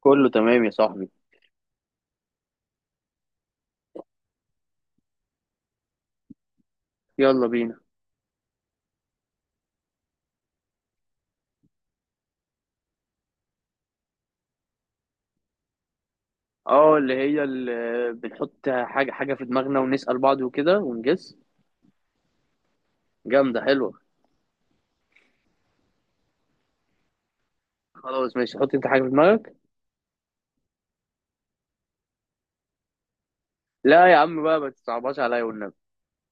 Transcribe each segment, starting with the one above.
كله تمام يا صاحبي. يلا بينا. اه، اللي هي اللي بنحط حاجة في دماغنا ونسأل بعض وكده ونجس. جامدة حلوة. خلاص ماشي، حط انت حاجة في دماغك. لا يا عم بقى، ما تصعبهاش عليا والنبي.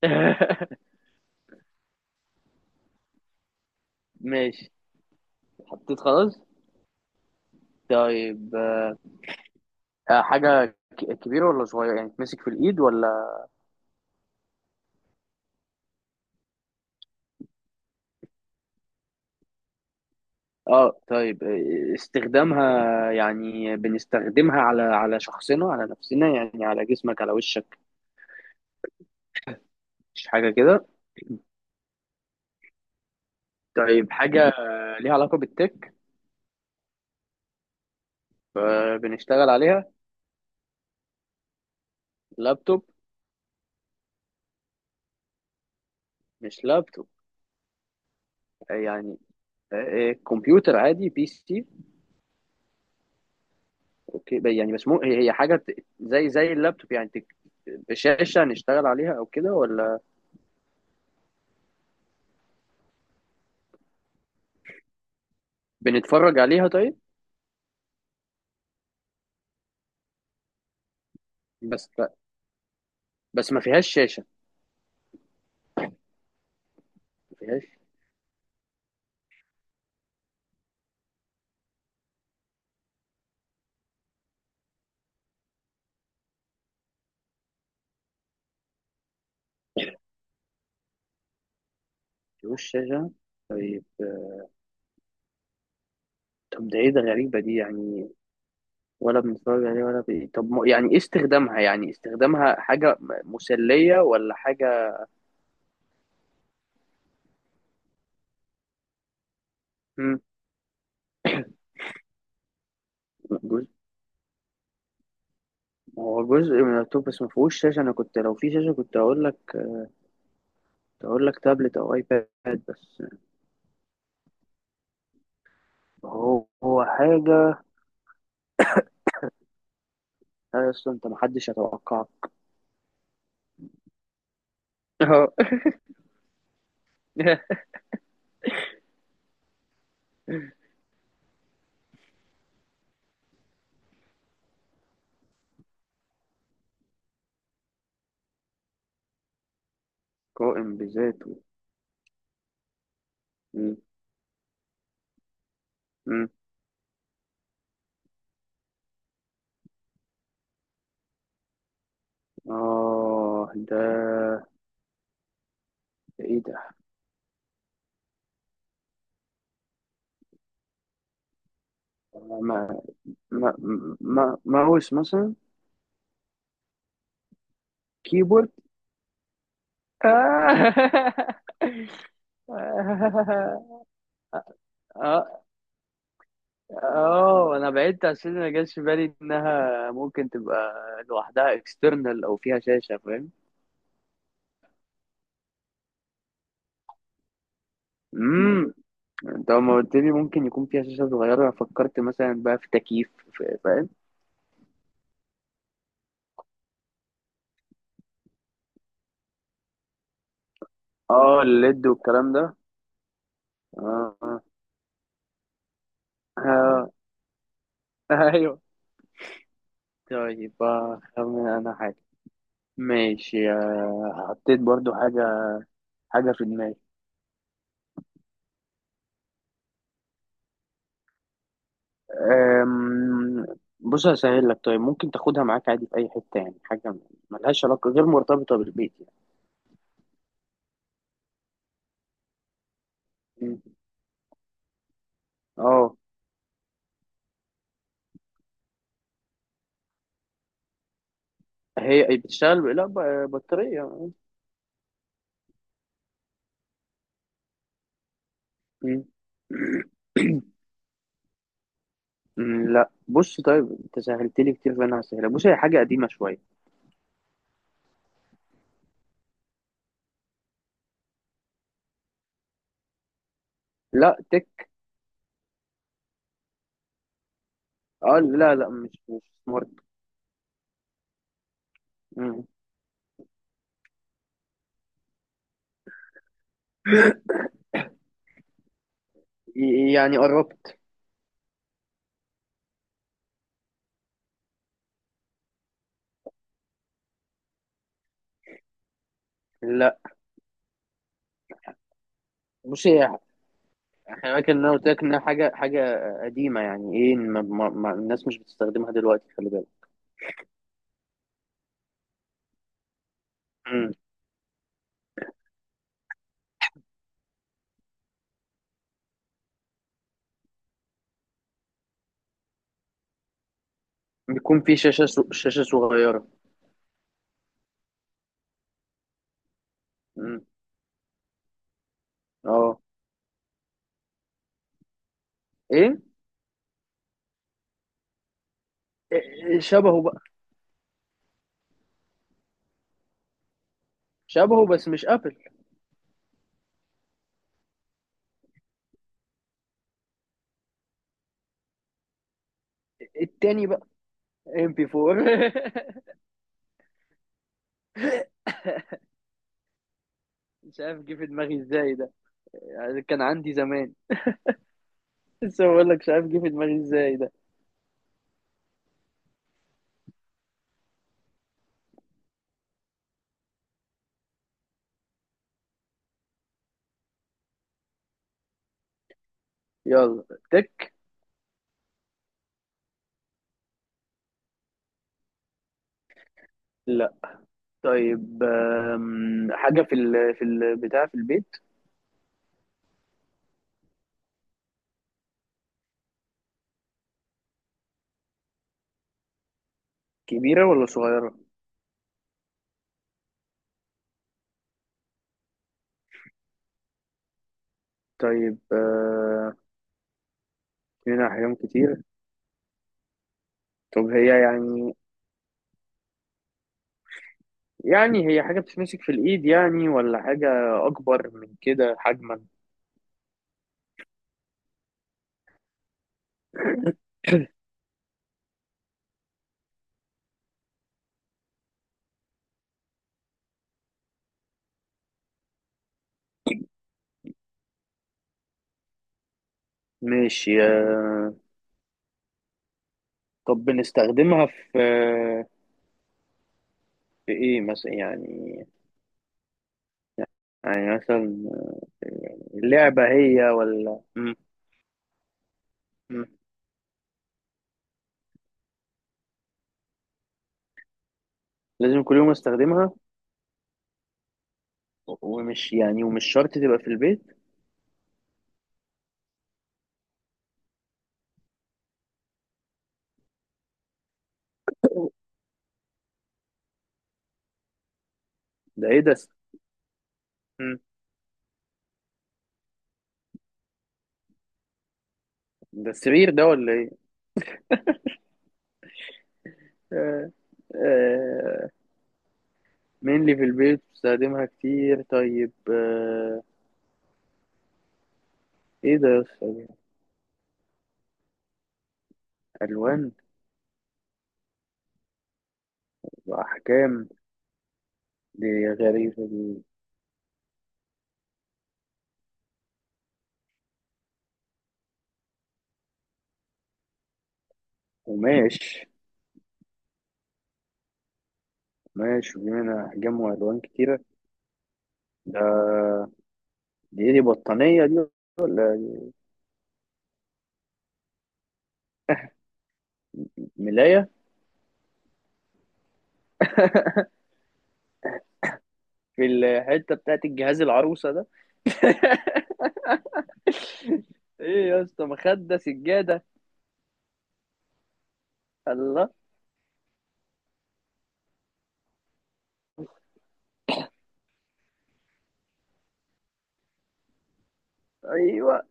ماشي، حطيت خلاص. طيب حاجة كبيرة ولا صغيرة، يعني تمسك في الإيد ولا؟ اه طيب، استخدامها يعني بنستخدمها على شخصنا، على نفسنا يعني، على جسمك، على وشك؟ مش حاجة كده. طيب حاجة ليها علاقة بالتك، فبنشتغل عليها. لابتوب؟ مش لابتوب. يعني كمبيوتر عادي، بي سي؟ اوكي، يعني بس مو هي حاجه زي اللابتوب يعني شاشه نشتغل عليها او كده ولا؟ بنتفرج عليها طيب؟ بس لا، بس ما فيهاش شاشه. ما فيهاش، فيهوش شاشه. طب ده ايه ده، غريبه دي يعني. ولا بنتفرج عليها ولا طب يعني ايه استخدامها، يعني استخدامها حاجه مسليه ولا حاجه؟ مم. جزء. هو جزء من اللابتوب بس ما فيهوش شاشه، انا كنت لو في شاشه كنت هقول لك تقول لك تابلت او ايباد بس. هو حاجه، لا اصلا انت محدش يتوقعها. اه قائم بذاته. مم. مم. اه ده، ده ايه ده؟ ما ما ما ماوس مثلا؟ كيبورد. اه اه. انا بعدت عشان ما جاش في بالي انها ممكن تبقى لوحدها اكسترنال او فيها شاشه. فاهم. انت لما قلت لي ممكن يكون فيها شاشة صغيرة أنا فكرت مثلا بقى في تكييف فاهم. اه الليد والكلام ده. اه، آه. آه. ايوه. طيب خمن انا حاجة. ماشي، حطيت برضو حاجة، حاجة في دماغي. أم، بص هسهل لك، طيب ممكن تاخدها معاك عادي في أي حتة، يعني حاجة ملهاش علاقة، غير مرتبطة بالبيت يعني. مم. اه. هي بتشتغل، لا بطارية. مم. لا بص، طيب انت سهلت لي كتير فانا هسهلها. بص هي حاجه قديمه شويه. لا تك. اه لا لا، مش سمارت. مم. يعني قربت. لا بص، هي خلي بالك ان انا قلت لك انها حاجه قديمه، يعني ايه، ما الناس مش بتستخدمها دلوقتي، خلي بالك. مم. بيكون في شاشه شاشه صغيره. مم. اه. ايه شبهه بقى. شبهه بس مش ابل. التاني بقى، ام بي 4. مش عارف جه في دماغي ازاي ده. يعني كان عندي زمان، لسه بقول لك مش عارف جه في دماغي ازاي ده. يلا. تك. لا. طيب حاجة في ال في البتاع في البيت. كبيرة ولا صغيرة؟ طيب هنا أحجام كتير. طب هي يعني، يعني هي حاجة بتتمسك في الإيد يعني ولا حاجة أكبر من كده حجما؟ ماشي، طب بنستخدمها في في إيه مثلا، يعني يعني مثلا يعني، لعبة هي ولا مم. لازم كل يوم استخدمها. ومش يعني، ومش شرط تبقى في البيت. ده ايه ده؟ مم. ده السرير ده ولا ايه؟ آه، آه، mainly في البيت بستخدمها كتير. طيب آه، ايه ده يا أستاذ؟ الوان واحكام. دي غريبة دي. قماش؟ قماش، ودي منها احجام والوان كتيرة. ده، دي ايه دي، بطانية دي ولا دي ملاية؟ في الحتة بتاعت الجهاز، العروسة ده. ايه يا اسطى، مخدة؟ سجادة؟ الله. ايوه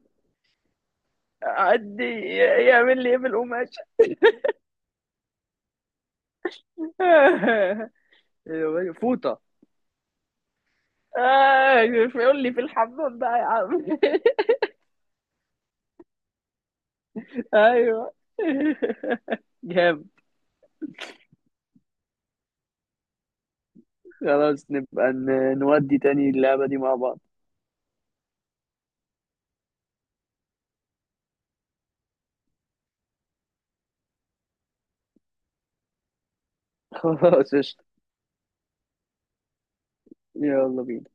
عدي، يعمل لي ايه بالقماش. أيوة، فوطه. ايوه يقول لي في الحمام بقى يا عم. ايوه. جامد. خلاص نبقى نودي تاني اللعبة دي مع بعض. خلاص قشطة. يلا بينا.